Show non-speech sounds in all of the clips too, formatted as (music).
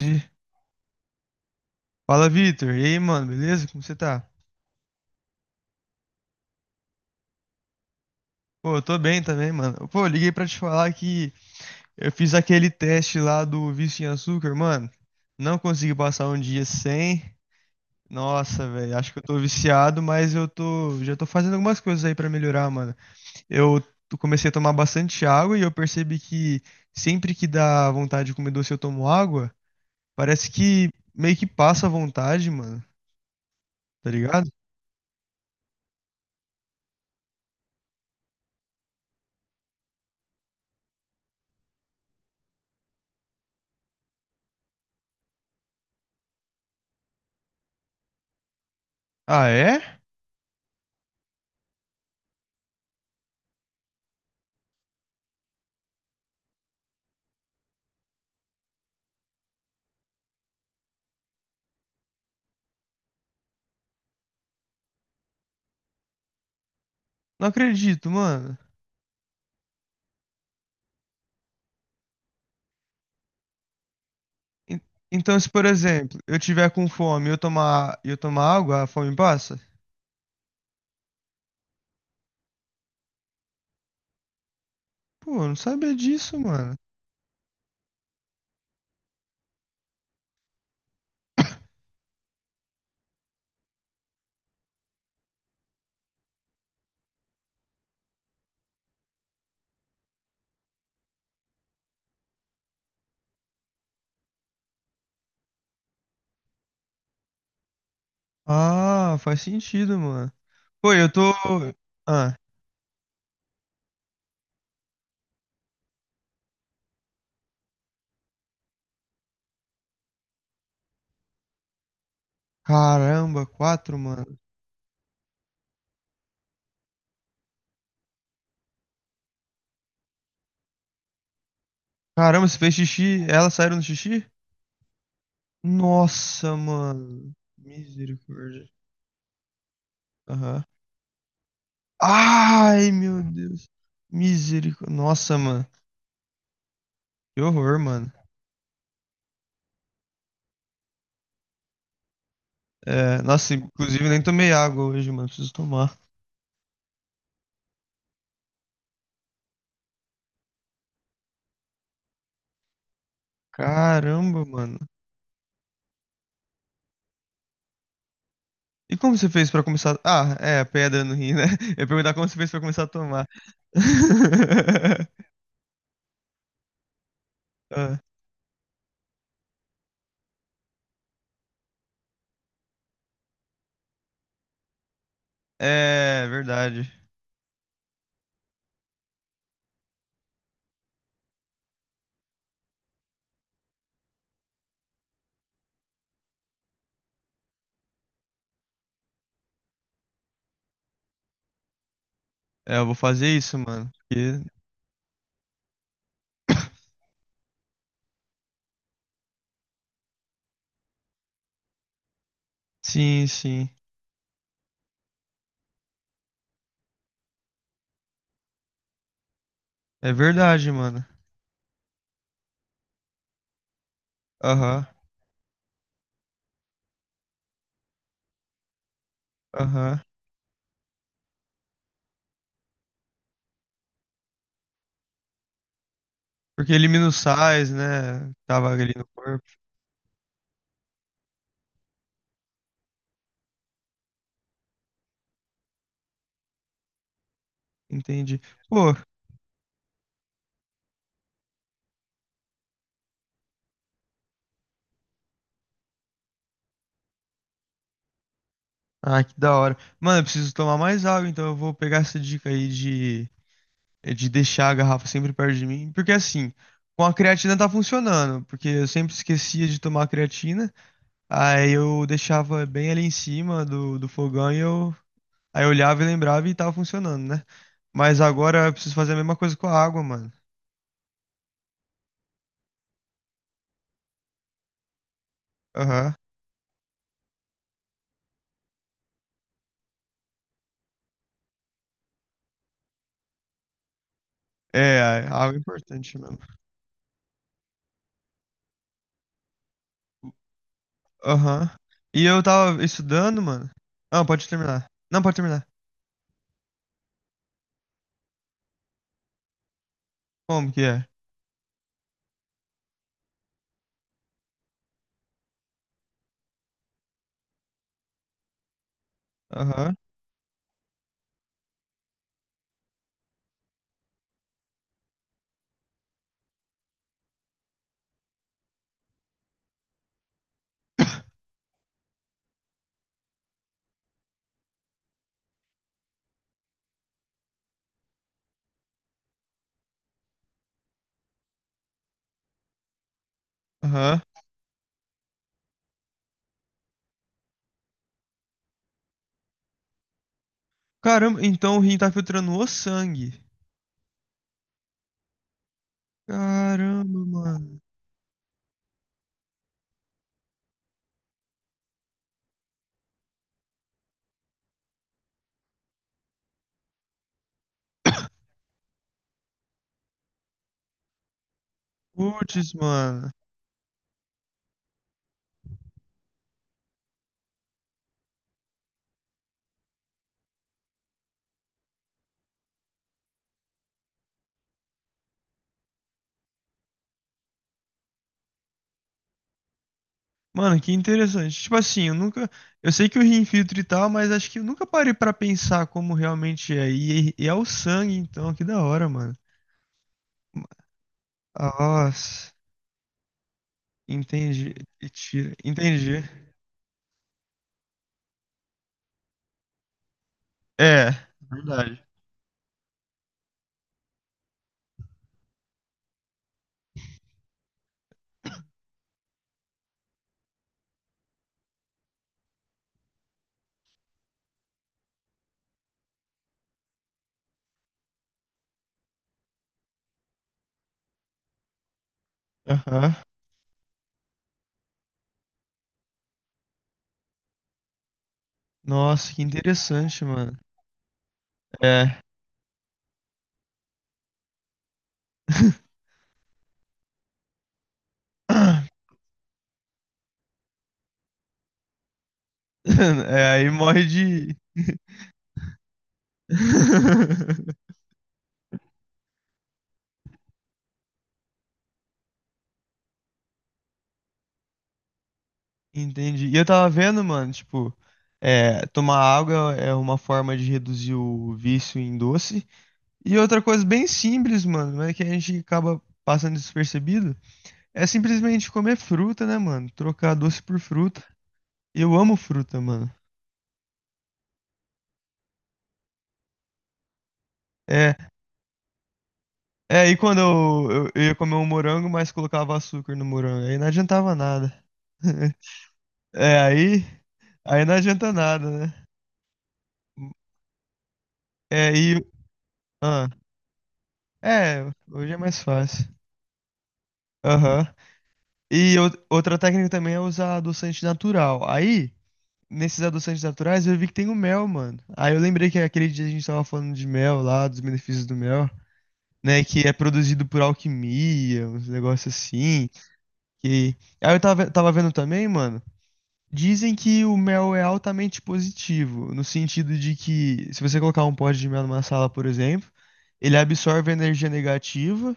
Entendi. Fala, Vitor. E aí, mano, beleza? Como você tá? Pô, eu tô bem também, mano. Pô, eu liguei pra te falar que eu fiz aquele teste lá do vício em açúcar, mano. Não consegui passar um dia sem. Nossa, velho, acho que eu tô viciado, mas já tô fazendo algumas coisas aí pra melhorar, mano. Comecei a tomar bastante água e eu percebi que sempre que dá vontade de comer doce eu tomo água, parece que meio que passa a vontade, mano. Tá ligado? Ah, é? Não acredito, mano. En- Então, se por exemplo, eu tiver com fome e eu tomar água, a fome passa? Pô, eu não sabia disso, mano. Ah, faz sentido, mano. Pô, eu tô. Ah, caramba, quatro, mano. Caramba, você fez xixi? Elas saíram no xixi? Nossa, mano. Misericórdia. Aham. Ai, meu Deus. Misericórdia. Nossa, mano. Que horror, mano. É, nossa, inclusive nem tomei água hoje, mano. Preciso tomar. Caramba, mano. E como você fez pra começar? Ah, é, a pedra no rim, né? (laughs) Eu ia perguntar como você fez pra começar a tomar. (laughs) Ah, é, verdade. É, eu vou fazer isso, mano. Porque- Sim, sim. É verdade, mano. Aham, aham. Porque elimina os sais, né? Tava ali no corpo. Entendi. Pô, ah, que da hora. Mano, eu preciso tomar mais água, então eu vou pegar essa dica aí de deixar a garrafa sempre perto de mim, porque assim, com a creatina tá funcionando, porque eu sempre esquecia de tomar a creatina, aí eu deixava bem ali em cima do fogão e eu, aí eu olhava e lembrava e tava funcionando, né? Mas agora eu preciso fazer a mesma coisa com a água, mano. Aham. É, a água é importante mesmo. Aham. E eu tava estudando, mano. Ah, pode terminar. Não, pode terminar. Como que é? Aham, aham. Caramba, então o rim tá filtrando o sangue. Caramba, mano. Putz, mano. Mano, que interessante. Tipo assim, eu nunca. Eu sei que o rim filtra e tal, mas acho que eu nunca parei pra pensar como realmente é. E é o sangue, então, que da hora, mano. Nossa, entendi. E tira. Entendi. É, verdade. Aham. Nossa, que interessante, mano. É. (laughs) É, aí morre de. (laughs) Entendi. E eu tava vendo, mano, tipo, é, tomar água é uma forma de reduzir o vício em doce. E outra coisa bem simples, mano, mas que a gente acaba passando despercebido, é simplesmente comer fruta, né, mano? Trocar doce por fruta. Eu amo fruta, mano. É, é, e quando eu ia comer um morango, mas colocava açúcar no morango, aí não adiantava nada. (laughs) É, aí não adianta nada, né? É, e, ah, é, hoje é mais fácil. Aham. E outra técnica também é usar adoçante natural. Aí, nesses adoçantes naturais, eu vi que tem o mel, mano. Aí eu lembrei que aquele dia a gente tava falando de mel lá, dos benefícios do mel, né? Que é produzido por alquimia, uns negócios assim. Que... Aí eu tava vendo também, mano. Dizem que o mel é altamente positivo, no sentido de que se você colocar um pote de mel numa sala, por exemplo, ele absorve a energia negativa,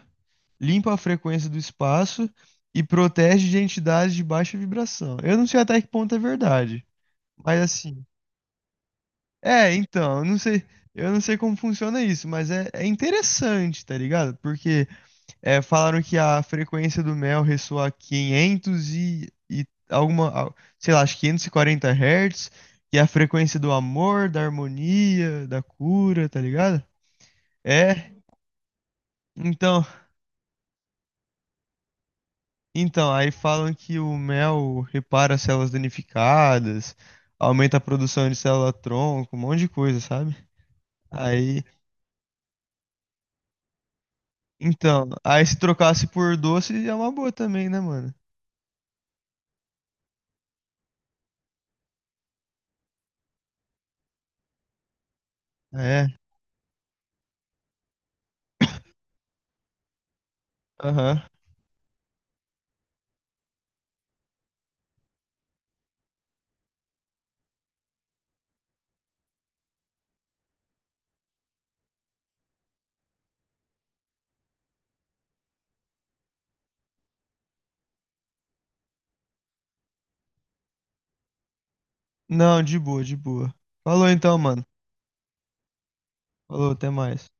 limpa a frequência do espaço e protege de entidades de baixa vibração. Eu não sei até que ponto é verdade, mas assim, é, então, eu não sei como funciona isso, mas é interessante, tá ligado? Porque falaram que a frequência do mel ressoa a 500 e alguma, sei lá, acho que 540 Hz, que é a frequência do amor, da harmonia, da cura, tá ligado? É, então, Então, aí falam que o mel repara as células danificadas, aumenta a produção de célula-tronco, um monte de coisa, sabe? Aí, então, aí se trocasse por doce é uma boa também, né, mano? É, aham. Não, de boa, de boa. Falou então, mano. Falou, até mais.